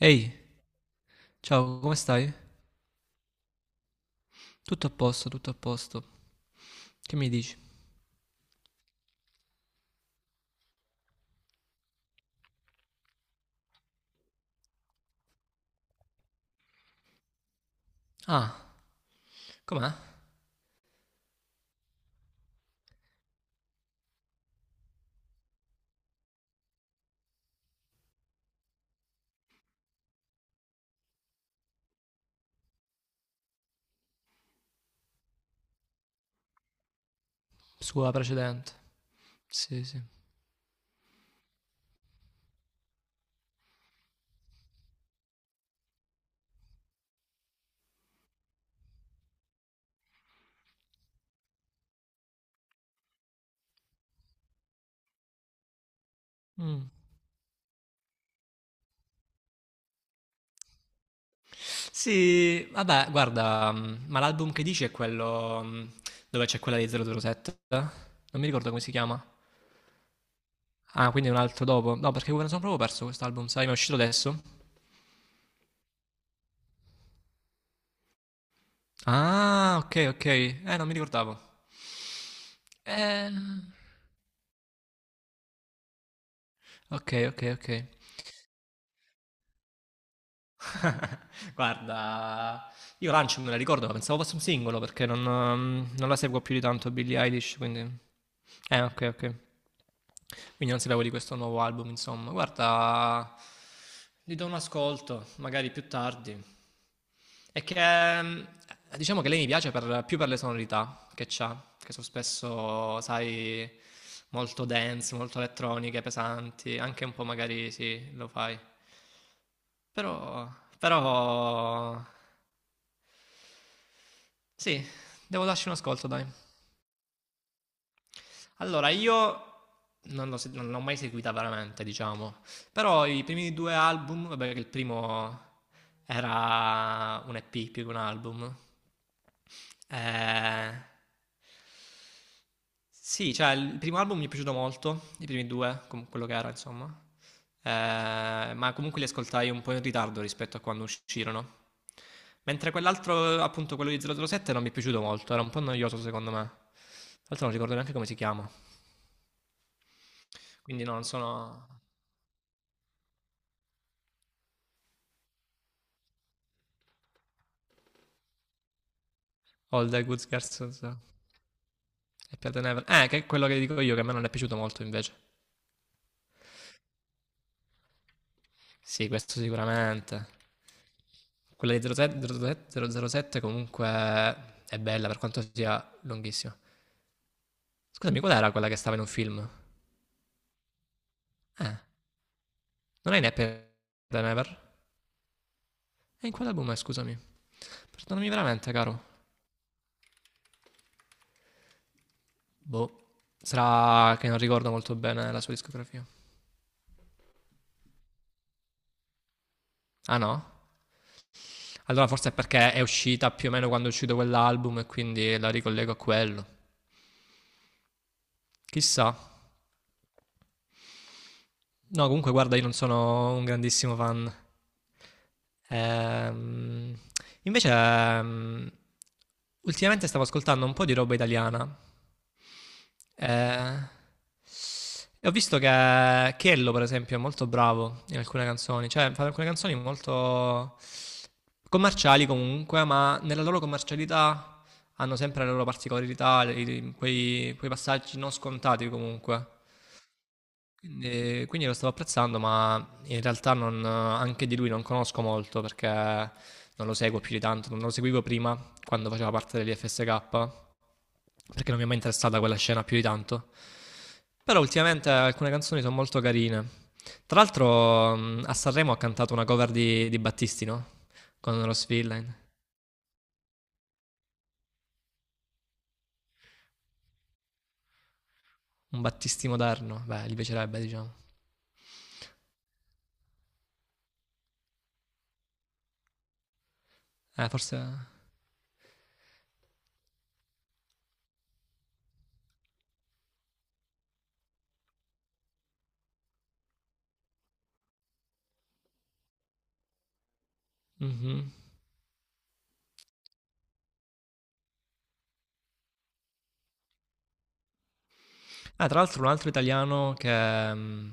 Ehi, ciao, come stai? Tutto a posto, tutto a posto. Che mi dici? Ah, com'è? Sua precedente. Sì, sì. Mm. Sì, vabbè, guarda, ma l'album che dici è quello dove c'è quella di 007? Non mi ricordo come si chiama. Ah, quindi è un altro dopo. No, perché me ne sono proprio perso quest'album, sai, mi è uscito adesso. Ah, ok, ok. Non mi ricordavo. Eh, ok, ok, ok. Guarda, io Lunch me la ricordo, ma pensavo fosse un singolo perché non la seguo più di tanto Billie Eilish, quindi. Ok, ok. Quindi non sapevo di questo nuovo album, insomma. Guarda, gli do un ascolto, magari più tardi. È che diciamo che lei mi piace più per le sonorità che c'ha, che sono spesso, sai, molto dense, molto elettroniche, pesanti, anche un po' magari sì, lo fai. Però, però. Sì, devo darci un ascolto, dai. Allora, io non l'ho mai seguita veramente, diciamo. Però i primi due album, vabbè, che il primo era un EP più che un album. Eh, sì, cioè il primo album mi è piaciuto molto, i primi due, quello che era, insomma. Ma comunque li ascoltai un po' in ritardo rispetto a quando uscirono. Mentre quell'altro, appunto, quello di 007 non mi è piaciuto molto, era un po' noioso secondo me. Tra l'altro non ricordo neanche come si chiama. Quindi no, non sono All the Good Girls non so. Happy Than Ever. Che è quello che dico io, che a me non è piaciuto molto invece. Sì, questo sicuramente. Quella di 007, 007 comunque è bella per quanto sia lunghissima. Scusami, qual era quella che stava in un film? Eh, non è in Happy Than Ever? E in quale album è, scusami? Perdonami veramente, caro. Boh. Sarà che non ricordo molto bene la sua discografia. Ah no? Allora forse è perché è uscita più o meno quando è uscito quell'album e quindi la ricollego a quello. Chissà. No, comunque guarda, io non sono un grandissimo fan. Ehm, invece, ultimamente stavo ascoltando un po' di roba italiana. Eh, e ho visto che Chiello, per esempio, è molto bravo in alcune canzoni. Cioè, fa alcune canzoni molto commerciali comunque, ma nella loro commercialità hanno sempre le loro particolarità, quei passaggi non scontati comunque. Quindi lo stavo apprezzando, ma in realtà non anche di lui non conosco molto perché non lo seguo più di tanto, non lo seguivo prima quando faceva parte dell'IFSK, perché non mi è mai interessata quella scena più di tanto. Però ultimamente alcune canzoni sono molto carine. Tra l'altro a Sanremo ha cantato una cover di Battisti, no? Con lo Villain. Un Battisti moderno, beh, gli piacerebbe, diciamo. Forse. Mhm. Ah, tra l'altro un altro italiano che... mh,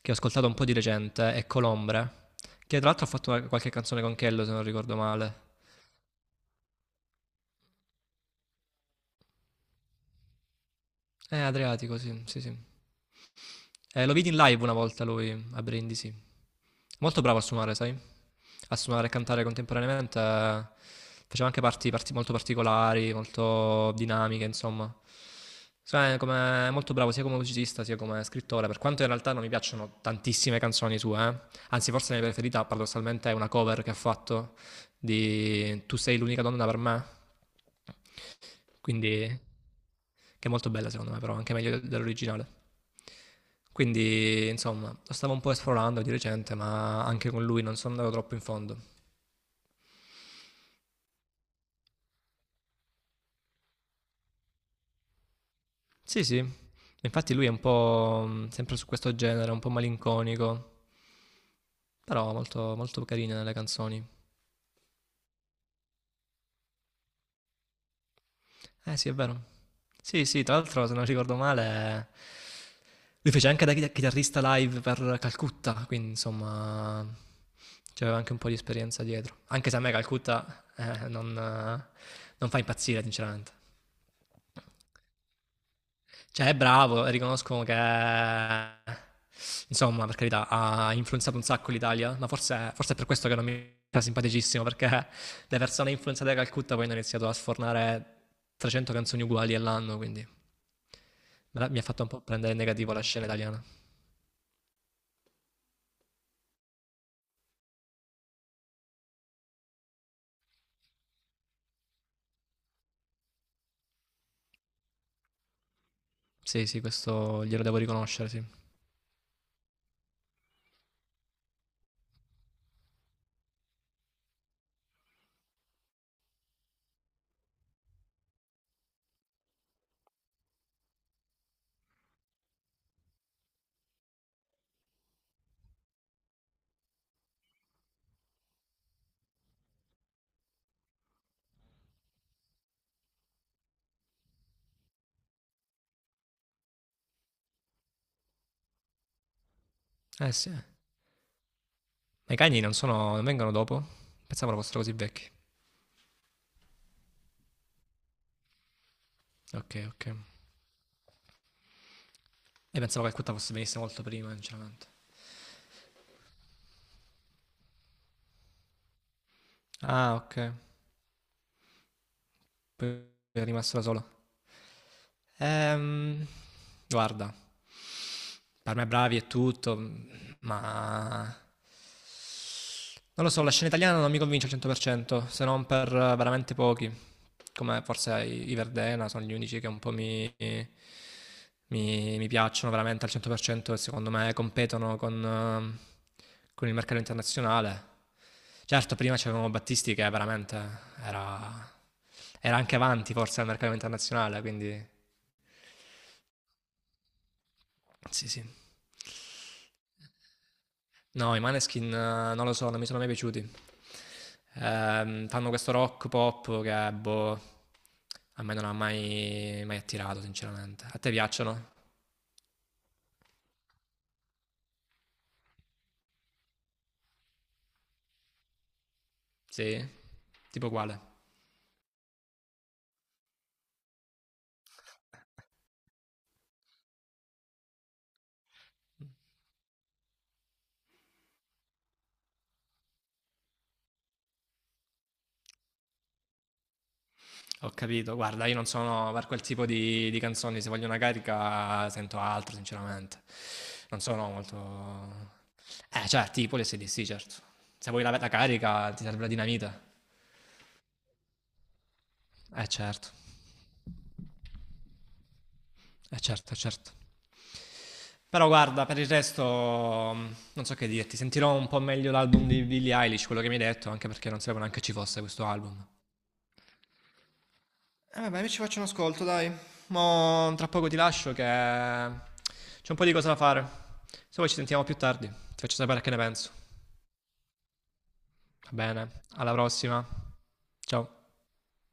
che ho ascoltato un po' di recente è Colombre, che tra l'altro ha fatto qualche canzone con Kello se non ricordo male. Adriatico, sì, sì, sì. Lo vidi in live una volta lui a Brindisi. Molto bravo a suonare, sai? A suonare e cantare contemporaneamente. Faceva anche parti molto particolari, molto dinamiche, insomma. Cioè, come, è molto bravo sia come musicista sia come scrittore, per quanto in realtà non mi piacciono tantissime canzoni sue, eh. Anzi, forse la mia preferita paradossalmente è una cover che ha fatto di Tu sei l'unica donna per me quindi, che è molto bella secondo me, però anche meglio dell'originale. Quindi, insomma, lo stavo un po' esplorando di recente, ma anche con lui non sono andato troppo in fondo. Sì, sì. Infatti lui è un po' sempre su questo genere, un po' malinconico, però molto, molto carino nelle canzoni. Eh sì, è vero. Sì, sì, tra l'altro, se non ricordo male, lui fece anche da chitarrista live per Calcutta, quindi insomma, c'aveva anche un po' di esperienza dietro. Anche se a me Calcutta non fa impazzire, sinceramente. Cioè, è bravo e riconosco che, insomma, per carità, ha influenzato un sacco l'Italia, ma forse, forse è per questo che non mi sta simpaticissimo, perché le persone influenzate da Calcutta poi hanno iniziato a sfornare 300 canzoni uguali all'anno, quindi. Mi ha fatto un po' prendere negativo la scena italiana. Sì, sì, questo glielo devo riconoscere, sì. Eh sì. Eh. Ma i cagni non vengono dopo? Pensavo fossero così vecchi. Ok, ok. E pensavo che il Cutta fosse venisse molto prima, sinceramente. Ah, ok. Poi è rimasto da solo. Ehm, guarda, per me bravi e tutto, ma non lo so, la scena italiana non mi convince al 100%, se non per veramente pochi, come forse i Verdena sono gli unici che un po' mi piacciono veramente al 100% e secondo me competono con il mercato internazionale. Certo, prima c'avevamo Battisti che veramente era, era anche avanti forse al mercato internazionale, quindi sì, sì. No, i Maneskin non lo so, non mi sono mai piaciuti. Fanno questo rock pop che, boh, a me non ha mai, mai attirato, sinceramente. A te piacciono? Sì? Tipo quale? Ho capito, guarda, io non sono per quel tipo di canzoni, se voglio una carica sento altro, sinceramente. Non sono molto. Certo, tipo le SDC, certo. Se vuoi la carica ti serve la dinamita. Certo, certo, certo. Però guarda, per il resto non so che dirti, sentirò un po' meglio l'album di Billie Eilish, quello che mi hai detto, anche perché non sapevo neanche ci fosse questo album. E vabbè, io ci faccio un ascolto, dai. Mo tra poco ti lascio che c'è un po' di cose da fare. Se vuoi ci sentiamo più tardi, ti faccio sapere che ne penso. Va bene, alla prossima. Ciao.